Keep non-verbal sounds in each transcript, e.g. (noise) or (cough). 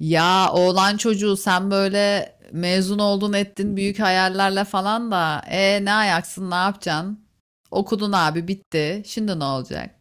Ya oğlan çocuğu sen böyle mezun oldun ettin büyük hayallerle falan da ne ayaksın ne yapacaksın? Okudun abi bitti. Şimdi ne olacak?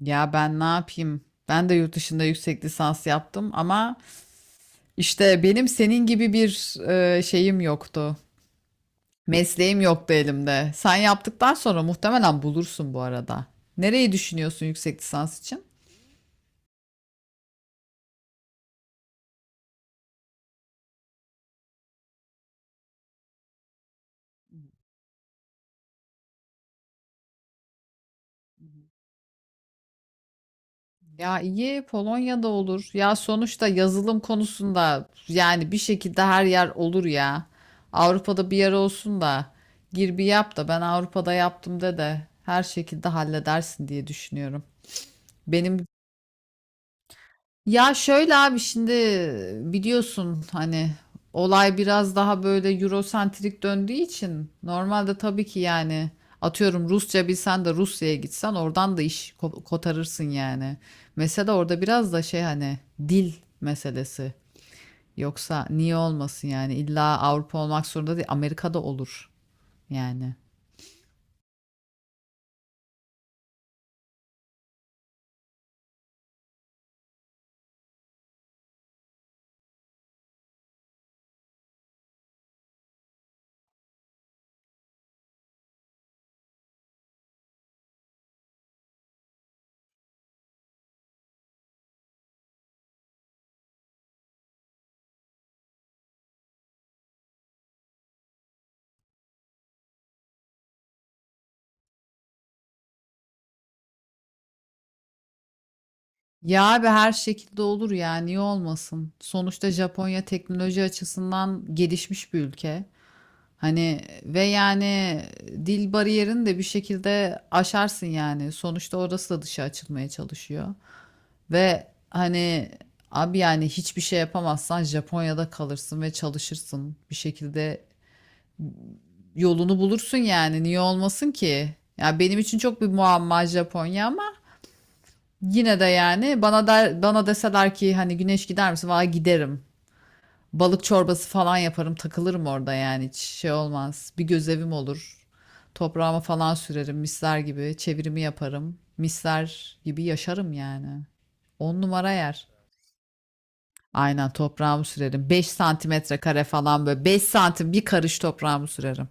Ya ben ne yapayım? Ben de yurt dışında yüksek lisans yaptım ama işte benim senin gibi bir şeyim yoktu. Mesleğim yoktu elimde. Sen yaptıktan sonra muhtemelen bulursun bu arada. Nereyi düşünüyorsun yüksek lisans için? Ya iyi Polonya'da olur. Ya sonuçta yazılım konusunda yani bir şekilde her yer olur ya. Avrupa'da bir yer olsun da gir bir yap da ben Avrupa'da yaptım de de her şekilde halledersin diye düşünüyorum. Benim ya şöyle abi şimdi biliyorsun hani olay biraz daha böyle Eurosentrik döndüğü için normalde tabii ki yani atıyorum Rusça bilsen de Rusya'ya gitsen oradan da iş kotarırsın yani. Mesela orada biraz da şey hani dil meselesi. Yoksa niye olmasın yani illa Avrupa olmak zorunda değil Amerika'da olur yani. Ya abi her şekilde olur ya niye olmasın? Sonuçta Japonya teknoloji açısından gelişmiş bir ülke. Hani ve yani dil bariyerini de bir şekilde aşarsın yani. Sonuçta orası da dışa açılmaya çalışıyor. Ve hani abi yani hiçbir şey yapamazsan Japonya'da kalırsın ve çalışırsın. Bir şekilde yolunu bulursun yani. Niye olmasın ki? Ya benim için çok bir muamma Japonya ama yine de yani bana der, bana deseler ki hani güneş gider misin? Valla giderim. Balık çorbası falan yaparım, takılırım orada yani hiç şey olmaz. Bir gözevim olur. Toprağıma falan sürerim misler gibi, çevirimi yaparım. Misler gibi yaşarım yani. On numara yer. Aynen toprağımı sürerim. 5 santimetre kare falan böyle. 5 santim bir karış toprağımı sürerim.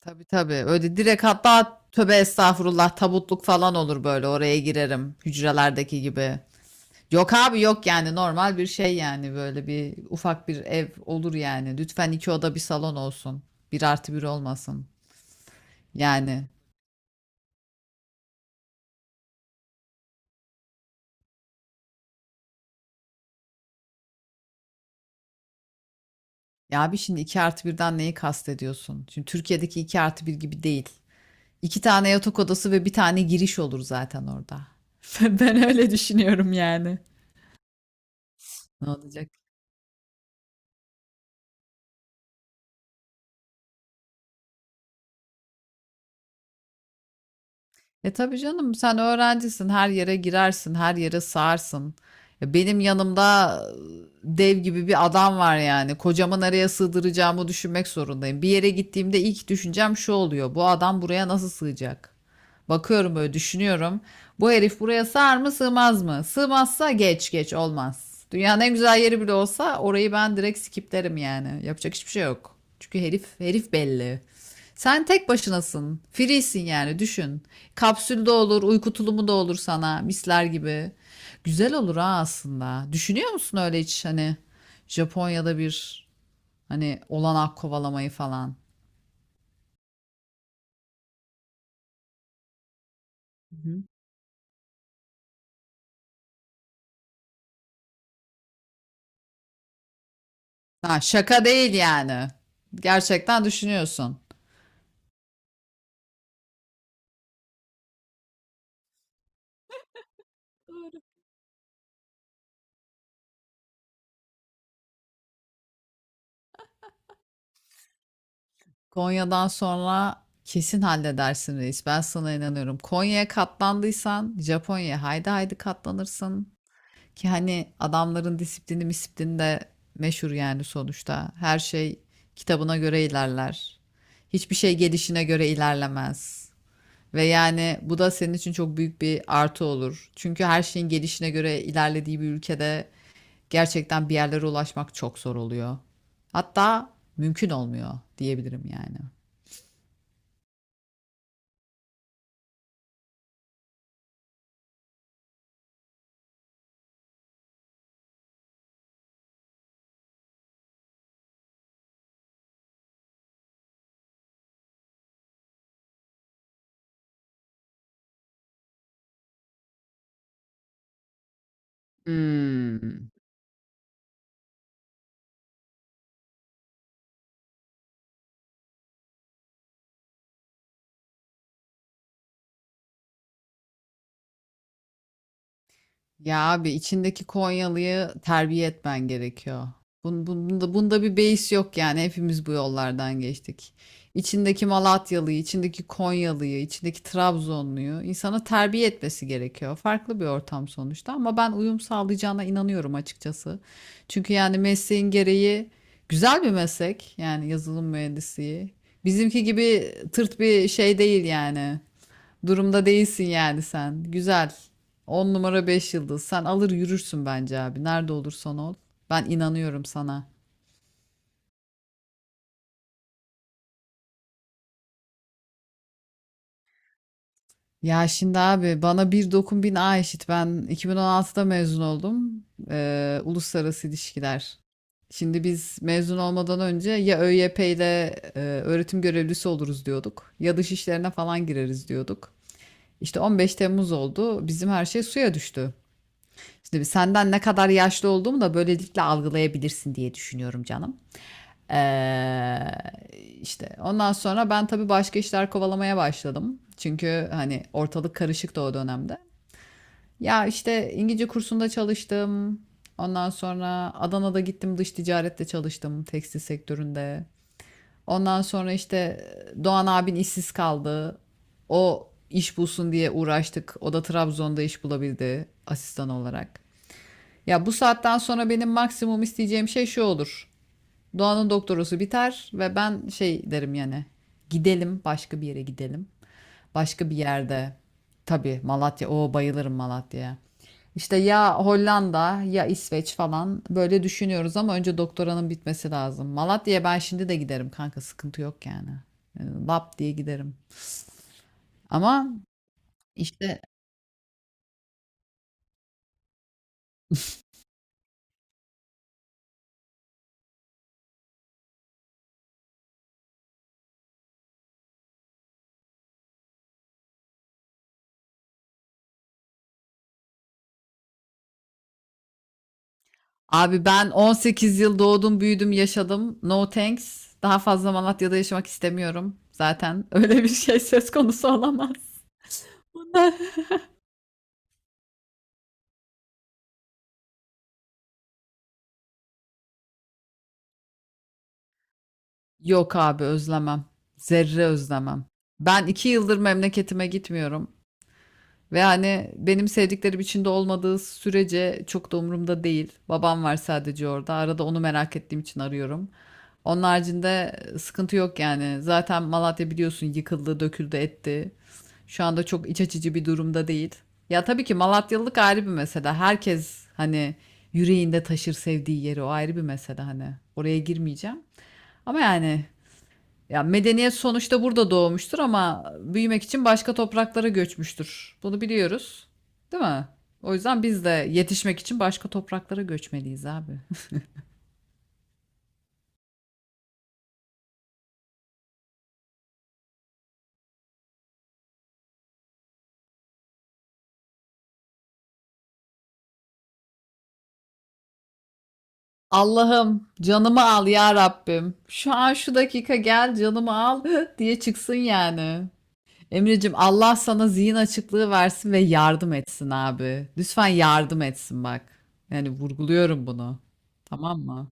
Tabii tabii. Öyle direkt hatta tövbe estağfurullah tabutluk falan olur böyle. Oraya girerim. Hücrelerdeki gibi. Yok abi yok yani normal bir şey yani böyle bir ufak bir ev olur yani. Lütfen iki oda bir salon olsun. Bir artı bir olmasın. Yani ya abi şimdi iki artı birden neyi kastediyorsun? Şimdi Türkiye'deki iki artı bir gibi değil. İki tane yatak odası ve bir tane giriş olur zaten orada. (laughs) Ben öyle düşünüyorum yani. Ne olacak? E tabii canım sen öğrencisin her yere girersin her yere sığarsın. Ya benim yanımda dev gibi bir adam var yani kocamı nereye sığdıracağımı düşünmek zorundayım. Bir yere gittiğimde ilk düşüncem şu oluyor bu adam buraya nasıl sığacak? Bakıyorum böyle düşünüyorum. Bu herif buraya sığar mı sığmaz mı? Sığmazsa geç geç olmaz. Dünyanın en güzel yeri bile olsa orayı ben direkt skiplerim yani. Yapacak hiçbir şey yok. Çünkü herif herif belli. Sen tek başınasın. Free'sin yani düşün. Kapsülde olur, uyku tulumu da olur sana misler gibi. Güzel olur ha aslında. Düşünüyor musun öyle hiç hani Japonya'da bir hani olanak kovalamayı falan? Hı hı. Ha, şaka değil yani. Gerçekten düşünüyorsun. Konya'dan sonra kesin halledersin reis. Ben sana inanıyorum. Konya'ya katlandıysan Japonya'ya haydi haydi katlanırsın. Ki hani adamların disiplini misiplini de meşhur yani sonuçta. Her şey kitabına göre ilerler. Hiçbir şey gelişine göre ilerlemez. Ve yani bu da senin için çok büyük bir artı olur. Çünkü her şeyin gelişine göre ilerlediği bir ülkede gerçekten bir yerlere ulaşmak çok zor oluyor. Hatta mümkün olmuyor diyebilirim yani. Hmm. Ya abi içindeki Konyalı'yı terbiye etmen gerekiyor. Bunda bir beis yok yani hepimiz bu yollardan geçtik. İçindeki Malatyalı'yı, içindeki Konyalı'yı, içindeki Trabzonlu'yu insana terbiye etmesi gerekiyor. Farklı bir ortam sonuçta ama ben uyum sağlayacağına inanıyorum açıkçası. Çünkü yani mesleğin gereği güzel bir meslek yani yazılım mühendisliği. Bizimki gibi tırt bir şey değil yani. Durumda değilsin yani sen. Güzel. On numara 5 yıldız. Sen alır yürürsün bence abi. Nerede olursan ol. Ben inanıyorum sana. Ya şimdi abi bana bir dokun bin A eşit. Ben 2016'da mezun oldum. Uluslararası ilişkiler. Şimdi biz mezun olmadan önce ya ÖYP ile öğretim görevlisi oluruz diyorduk. Ya dış işlerine falan gireriz diyorduk. İşte 15 Temmuz oldu. Bizim her şey suya düştü. Şimdi senden ne kadar yaşlı olduğumu da böylelikle algılayabilirsin diye düşünüyorum canım. Ee, işte ondan sonra ben tabii başka işler kovalamaya başladım. Çünkü hani ortalık karışıktı o dönemde. Ya işte İngilizce kursunda çalıştım. Ondan sonra Adana'da gittim dış ticarette çalıştım tekstil sektöründe. Ondan sonra işte Doğan abin işsiz kaldı. O iş bulsun diye uğraştık. O da Trabzon'da iş bulabildi asistan olarak. Ya bu saatten sonra benim maksimum isteyeceğim şey şu olur. Doğan'ın doktorası biter ve ben şey derim yani. Gidelim başka bir yere gidelim. Başka bir yerde. Tabii Malatya. Oo bayılırım Malatya'ya. İşte ya Hollanda ya İsveç falan böyle düşünüyoruz ama önce doktoranın bitmesi lazım. Malatya'ya ben şimdi de giderim kanka sıkıntı yok yani. Yani Lap diye giderim. Ama işte abi ben 18 yıl doğdum, büyüdüm, yaşadım. No thanks. Daha fazla Malatya'da yaşamak istemiyorum. Zaten (laughs) öyle bir şey söz konusu olamaz. (laughs) Yok abi özlemem. Zerre özlemem. Ben 2 yıldır memleketime gitmiyorum. Ve hani benim sevdiklerim içinde olmadığı sürece çok da umurumda değil. Babam var sadece orada. Arada onu merak ettiğim için arıyorum. Onun haricinde sıkıntı yok yani. Zaten Malatya biliyorsun yıkıldı, döküldü, etti. Şu anda çok iç açıcı bir durumda değil. Ya tabii ki Malatyalılık ayrı bir mesele. Herkes hani yüreğinde taşır sevdiği yeri o ayrı bir mesele hani. Oraya girmeyeceğim. Ama yani ya medeniyet sonuçta burada doğmuştur ama büyümek için başka topraklara göçmüştür. Bunu biliyoruz, değil mi? O yüzden biz de yetişmek için başka topraklara göçmeliyiz abi. (laughs) Allah'ım canımı al ya Rabbim. Şu an şu dakika gel canımı al (laughs) diye çıksın yani. Emreciğim Allah sana zihin açıklığı versin ve yardım etsin abi. Lütfen yardım etsin bak. Yani vurguluyorum bunu. Tamam mı?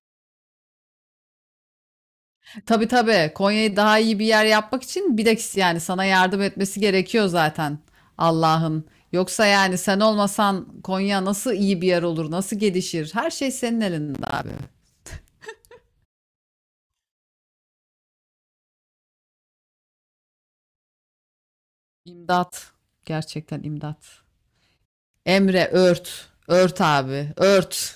Tabii tabii. Konya'yı daha iyi bir yer yapmak için bir de yani sana yardım etmesi gerekiyor zaten Allah'ın. Yoksa yani sen olmasan Konya nasıl iyi bir yer olur, nasıl gelişir? Her şey senin elinde abi. İmdat. Gerçekten imdat. Emre ört. Ört abi. Ört.